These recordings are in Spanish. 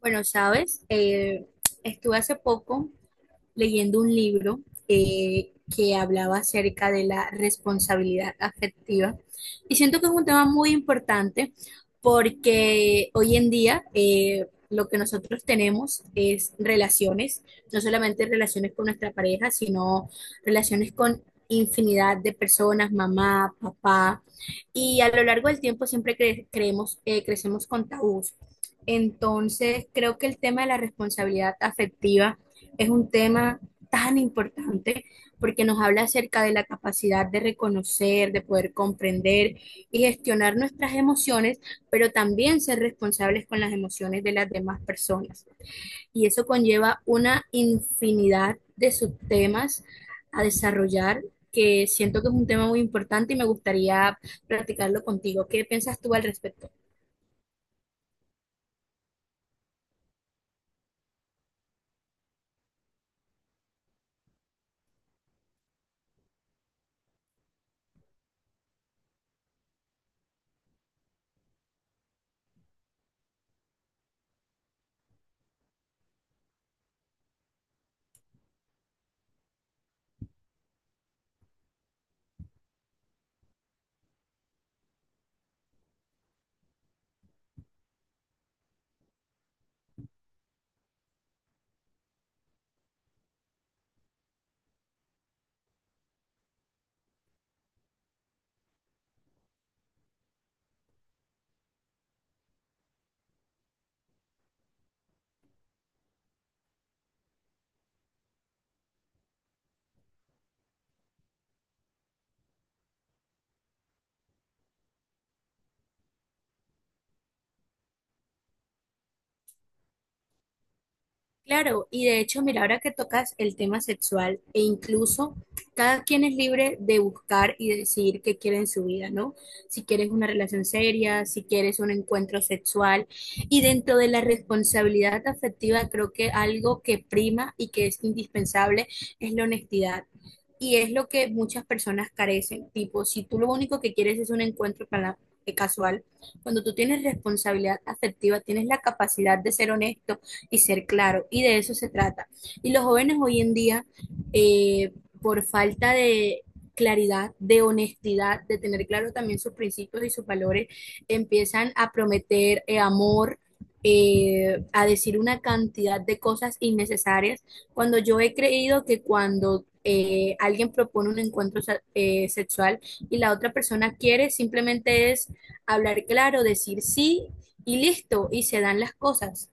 Bueno, sabes, estuve hace poco, leyendo un libro que hablaba acerca de la responsabilidad afectiva y siento que es un tema muy importante porque hoy en día lo que nosotros tenemos es relaciones, no solamente relaciones con nuestra pareja, sino relaciones con infinidad de personas, mamá, papá, y a lo largo del tiempo siempre creemos, crecemos con tabús. Entonces, creo que el tema de la responsabilidad afectiva es un tema tan importante porque nos habla acerca de la capacidad de reconocer, de poder comprender y gestionar nuestras emociones, pero también ser responsables con las emociones de las demás personas. Y eso conlleva una infinidad de subtemas a desarrollar que siento que es un tema muy importante y me gustaría platicarlo contigo. ¿Qué piensas tú al respecto? Claro, y de hecho, mira, ahora que tocas el tema sexual, e incluso cada quien es libre de buscar y decidir qué quiere en su vida, ¿no? Si quieres una relación seria, si quieres un encuentro sexual. Y dentro de la responsabilidad afectiva, creo que algo que prima y que es indispensable es la honestidad. Y es lo que muchas personas carecen. Tipo, si tú lo único que quieres es un encuentro casual, cuando tú tienes responsabilidad afectiva, tienes la capacidad de ser honesto y ser claro. Y de eso se trata. Y los jóvenes hoy en día, eh, por falta de claridad, de honestidad, de tener claro también sus principios y sus valores, empiezan a prometer amor, a decir una cantidad de cosas innecesarias, cuando yo he creído que cuando alguien propone un encuentro sexual y la otra persona quiere, simplemente es hablar claro, decir sí y listo, y se dan las cosas.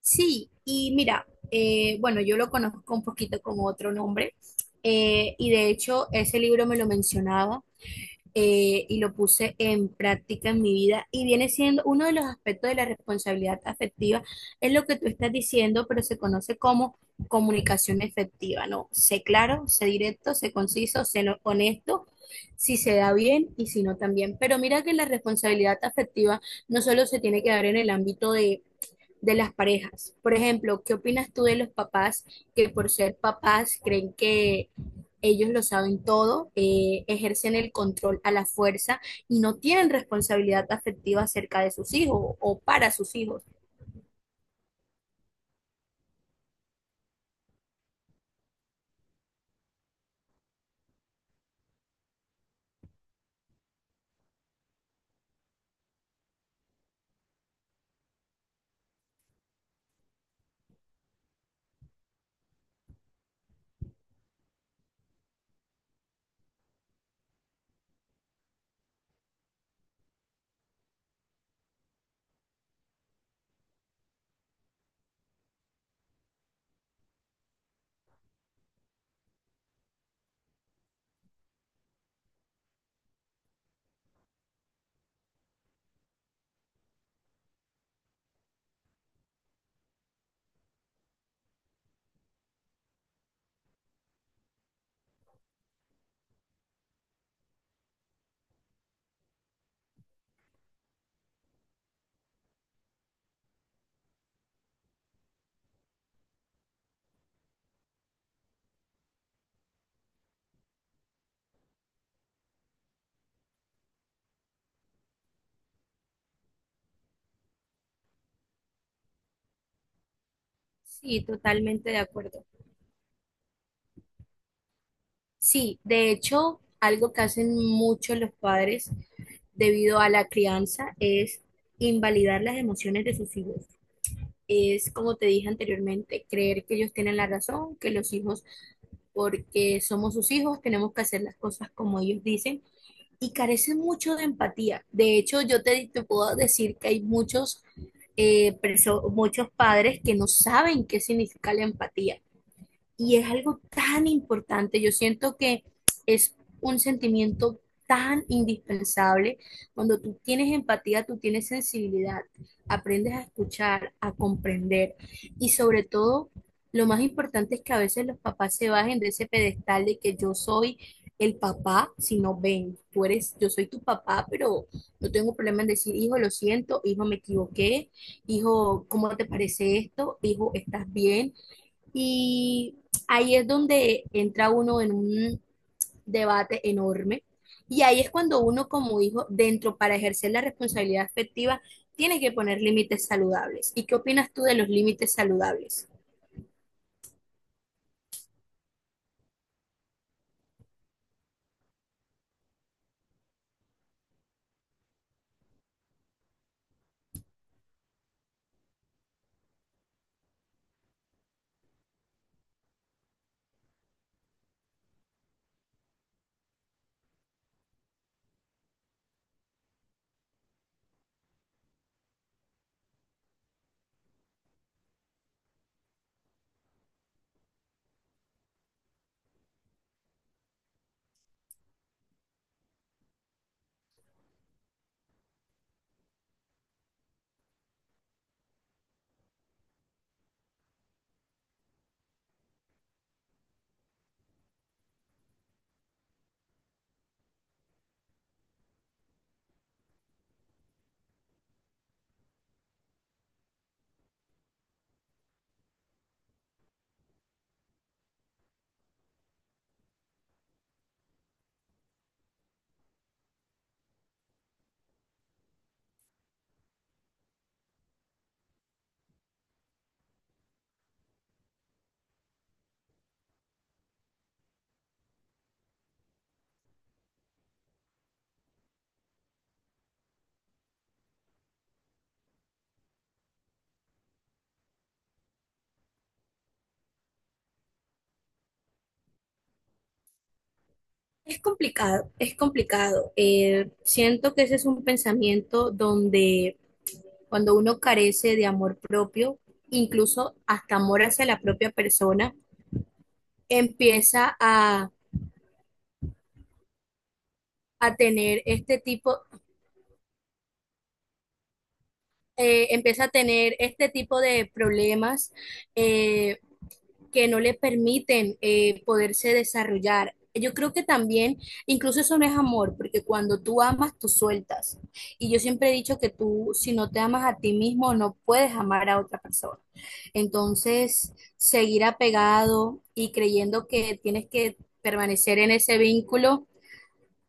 Sí, y mira, bueno, yo lo conozco un poquito con otro nombre, y de hecho ese libro me lo mencionaba, y lo puse en práctica en mi vida, y viene siendo uno de los aspectos de la responsabilidad afectiva, es lo que tú estás diciendo, pero se conoce como comunicación efectiva, ¿no? Sé claro, sé directo, sé conciso, sé honesto. Si se da bien y si no también. Pero mira que la responsabilidad afectiva no solo se tiene que dar en el ámbito de las parejas. Por ejemplo, ¿qué opinas tú de los papás que por ser papás creen que ellos lo saben todo, ejercen el control a la fuerza y no tienen responsabilidad afectiva acerca de sus hijos o para sus hijos? Sí, totalmente de acuerdo. Sí, de hecho, algo que hacen mucho los padres debido a la crianza es invalidar las emociones de sus hijos. Es, como te dije anteriormente, creer que ellos tienen la razón, que los hijos, porque somos sus hijos, tenemos que hacer las cosas como ellos dicen y carecen mucho de empatía. De hecho, te puedo decir que hay muchos, muchos padres que no saben qué significa la empatía y es algo tan importante. Yo siento que es un sentimiento tan indispensable. Cuando tú tienes empatía, tú tienes sensibilidad, aprendes a escuchar, a comprender y sobre todo, lo más importante es que a veces los papás se bajen de ese pedestal de que yo soy el papá, si no ven, tú eres, yo soy tu papá, pero no tengo problema en decir, hijo, lo siento, hijo, me equivoqué, hijo, ¿cómo te parece esto? Hijo, ¿estás bien? Y ahí es donde entra uno en un debate enorme. Y ahí es cuando uno como hijo, dentro para ejercer la responsabilidad afectiva, tiene que poner límites saludables. ¿Y qué opinas tú de los límites saludables? Es complicado, es complicado. Siento que ese es un pensamiento donde cuando uno carece de amor propio, incluso hasta amor hacia la propia persona, empieza a tener este tipo… empieza a tener este tipo de problemas eh, que no le permiten poderse desarrollar. Yo creo que también, incluso eso no es amor, porque cuando tú amas, tú sueltas. Y yo siempre he dicho que tú, si no te amas a ti mismo, no puedes amar a otra persona. Entonces, seguir apegado y creyendo que tienes que permanecer en ese vínculo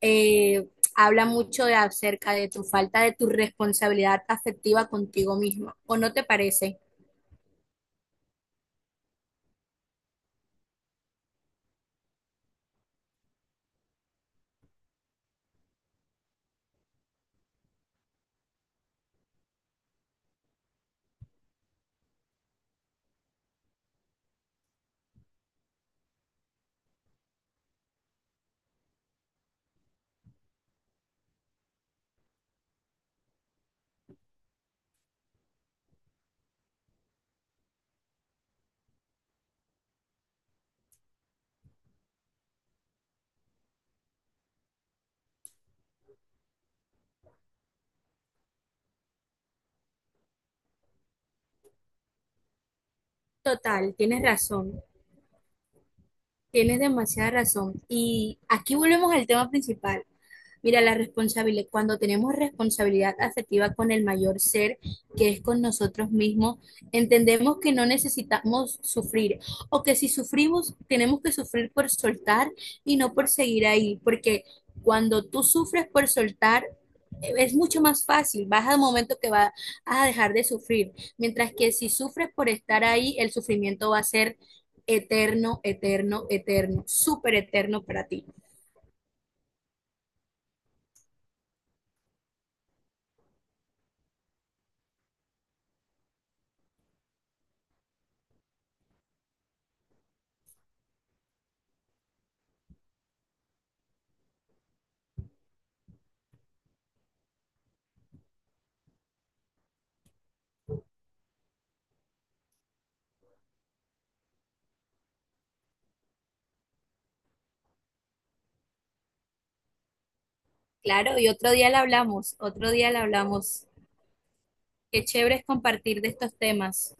eh, habla mucho de acerca de tu falta de tu responsabilidad afectiva contigo misma, ¿o no te parece? Total, tienes razón, tienes demasiada razón. Y aquí volvemos al tema principal. Mira, la responsabilidad, cuando tenemos responsabilidad afectiva con el mayor ser, que es con nosotros mismos, entendemos que no necesitamos sufrir o que si sufrimos, tenemos que sufrir por soltar y no por seguir ahí, porque cuando tú sufres por soltar, es mucho más fácil, vas al momento que vas a dejar de sufrir, mientras que si sufres por estar ahí, el sufrimiento va a ser eterno, eterno, eterno, súper eterno para ti. Claro, y otro día la hablamos, otro día la hablamos. Qué chévere es compartir de estos temas.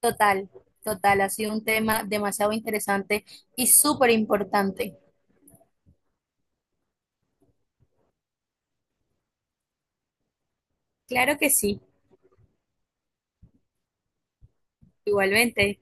Total, total, ha sido un tema demasiado interesante y súper importante. Claro que sí, igualmente.